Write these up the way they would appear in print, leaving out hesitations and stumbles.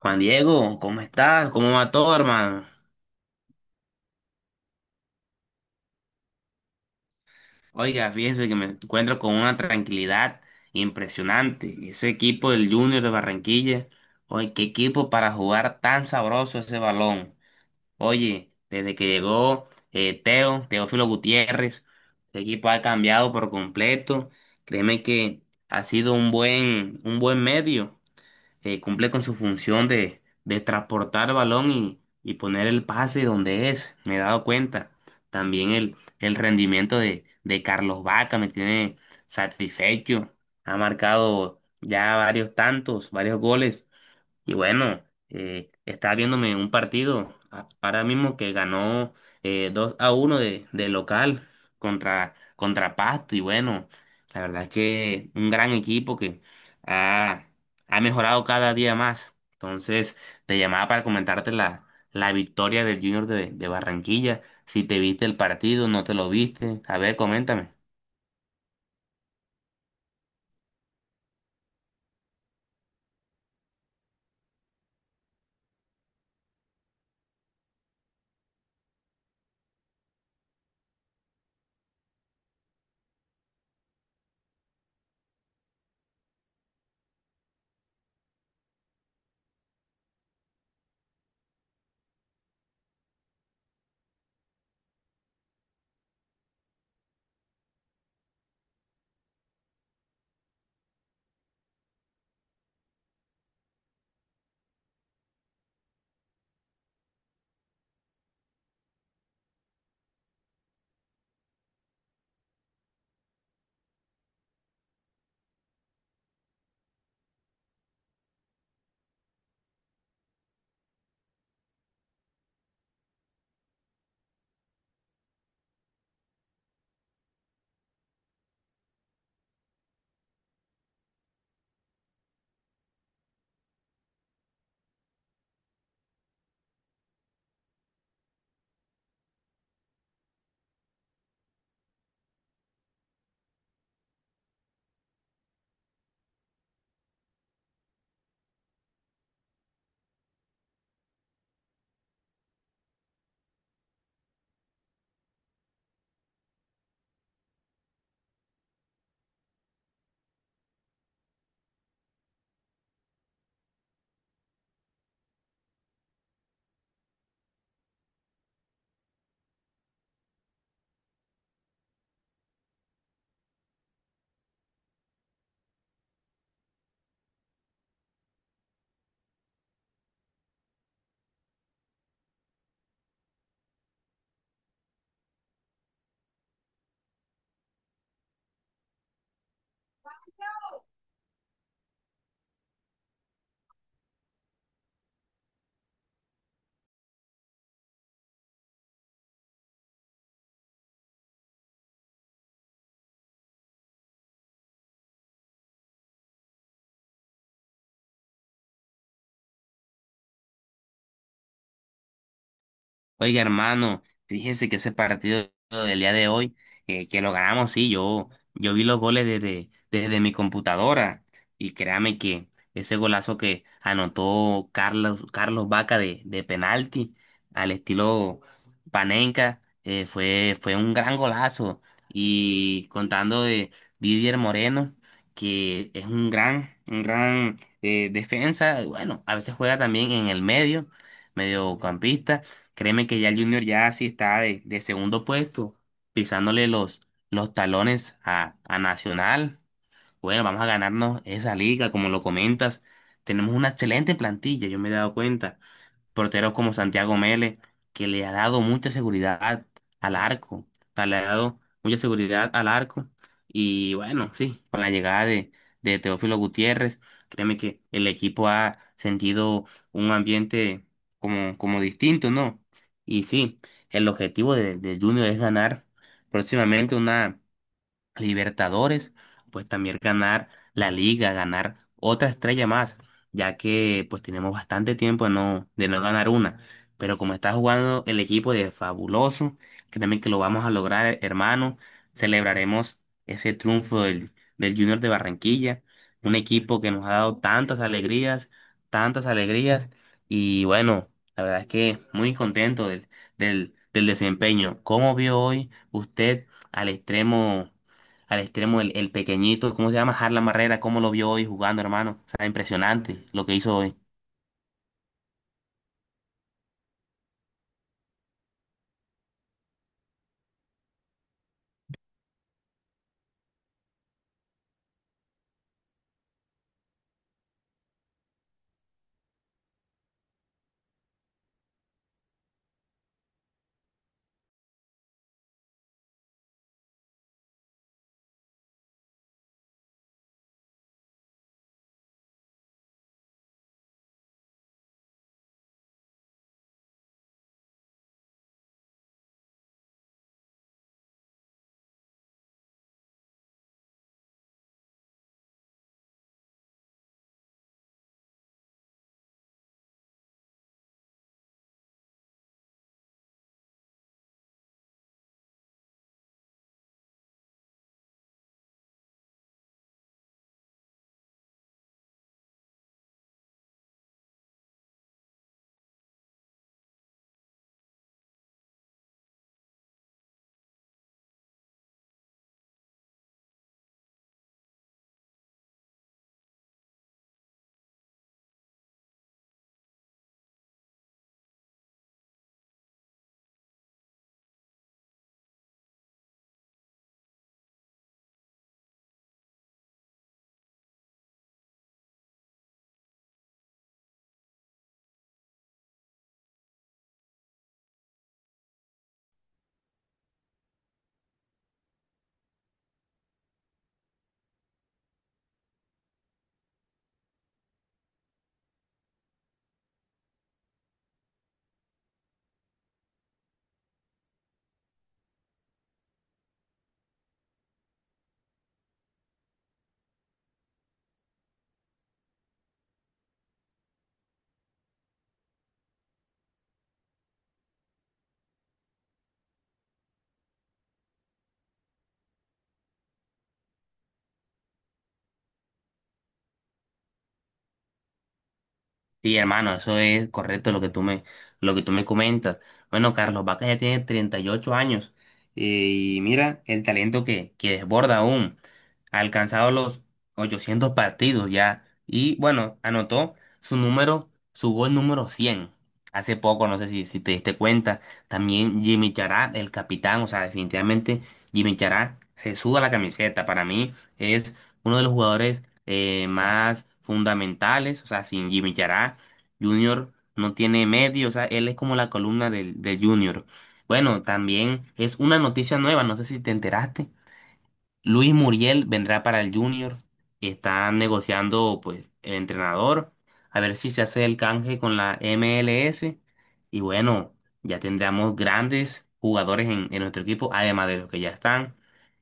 Juan Diego, ¿cómo estás? ¿Cómo va todo, hermano? Oiga, fíjese que me encuentro con una tranquilidad impresionante. Ese equipo del Junior de Barranquilla, oye, qué equipo para jugar tan sabroso ese balón. Oye, desde que llegó Teo, Teófilo Gutiérrez, el equipo ha cambiado por completo. Créeme que ha sido un buen medio. Cumple con su función de transportar balón y poner el pase donde es, me he dado cuenta. También el rendimiento de Carlos Vaca me tiene satisfecho. Ha marcado ya varios tantos, varios goles y bueno, estaba viéndome un partido ahora mismo que ganó 2 a uno de local contra Pasto. Y bueno, la verdad es que un gran equipo que ha, ha mejorado cada día más. Entonces, te llamaba para comentarte la victoria del Junior de Barranquilla. Si te viste el partido, no te lo viste. A ver, coméntame. Oiga, hermano, fíjese que ese partido del día de hoy, que lo ganamos, sí, yo vi los goles desde mi computadora y créame que ese golazo que anotó Carlos Vaca de penalti al estilo Panenka, fue un gran golazo y contando de Didier Moreno, que es un gran defensa, bueno, a veces juega también en el medio, mediocampista. Créeme que ya el Junior ya sí está de segundo puesto, pisándole los talones a Nacional. Bueno, vamos a ganarnos esa liga, como lo comentas. Tenemos una excelente plantilla, yo me he dado cuenta, porteros como Santiago Mele, que le ha dado mucha seguridad al arco, o sea, le ha dado mucha seguridad al arco. Y bueno, sí, con la llegada de Teófilo Gutiérrez, créeme que el equipo ha sentido un ambiente como distinto, ¿no? Y sí, el objetivo de Junior es ganar próximamente una Libertadores, pues también ganar la liga, ganar otra estrella más, ya que pues tenemos bastante tiempo de no ganar una. Pero como está jugando el equipo de Fabuloso, créeme que lo vamos a lograr, hermano. Celebraremos ese triunfo del Junior de Barranquilla, un equipo que nos ha dado tantas alegrías, tantas alegrías. Y bueno, la verdad es que muy contento del desempeño. ¿Cómo vio hoy usted al extremo? Al extremo, el pequeñito, ¿cómo se llama? Harlan Barrera, cómo lo vio hoy jugando, hermano. O sea, impresionante lo que hizo hoy. Sí, hermano, eso es correcto lo que lo que tú me comentas. Bueno, Carlos Vaca ya tiene 38 años, eh, y mira el talento que desborda aún. Ha alcanzado los 800 partidos ya y bueno, anotó su número, su gol número 100 hace poco, no sé si te diste cuenta. También Jimmy Chará, el capitán, o sea, definitivamente Jimmy Chará se suda la camiseta. Para mí es uno de los jugadores más fundamentales, o sea, sin Jimmy Chará Junior no tiene medio, o sea, él es como la columna del Junior. Bueno, también es una noticia nueva, no sé si te enteraste, Luis Muriel vendrá para el Junior. Están negociando, pues, el entrenador. A ver si se hace el canje con la MLS. Y bueno, ya tendremos grandes jugadores en nuestro equipo, además de los que ya están.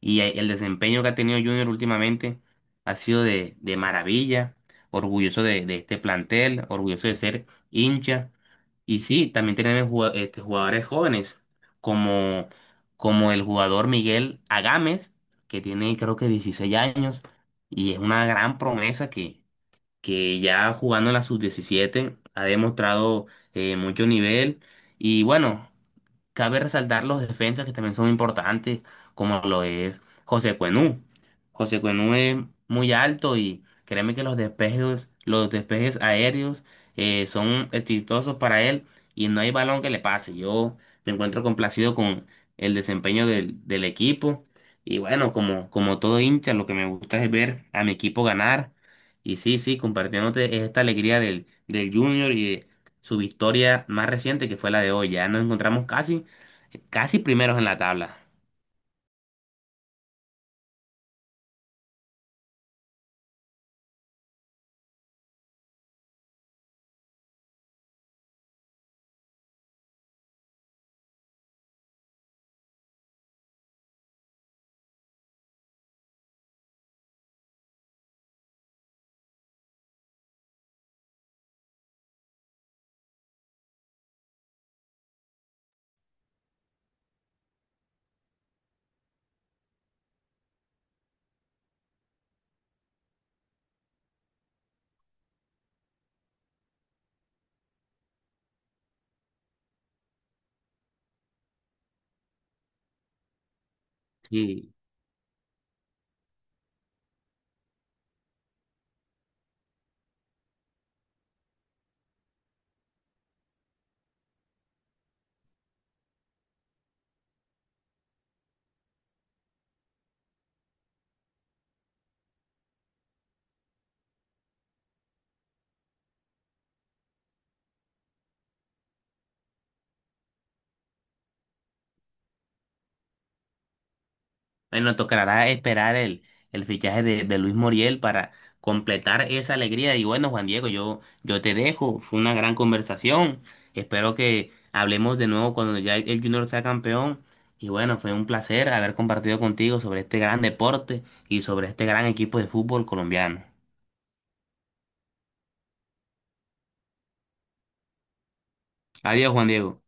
El desempeño que ha tenido Junior últimamente ha sido de maravilla. Orgulloso de este plantel, orgulloso de ser hincha. Y sí, también tenemos jugadores jóvenes, como, como el jugador Miguel Agames, que tiene creo que 16 años y es una gran promesa que ya jugando en la sub-17 ha demostrado mucho nivel y bueno. Cabe resaltar los defensas que también son importantes, como lo es José Cuenú. José Cuenú es muy alto y créeme que los despejes aéreos son exitosos para él y no hay balón que le pase. Yo me encuentro complacido con el desempeño del equipo y bueno, como, como todo hincha, lo que me gusta es ver a mi equipo ganar. Y sí, sí, compartiéndote esta alegría del Junior y de su victoria más reciente, que fue la de hoy. Ya nos encontramos casi, casi primeros en la tabla. Sí. Bueno, tocará esperar el fichaje de Luis Muriel para completar esa alegría. Y bueno, Juan Diego, yo te dejo. Fue una gran conversación. Espero que hablemos de nuevo cuando ya el Junior sea campeón. Y bueno, fue un placer haber compartido contigo sobre este gran deporte y sobre este gran equipo de fútbol colombiano. Adiós, Juan Diego.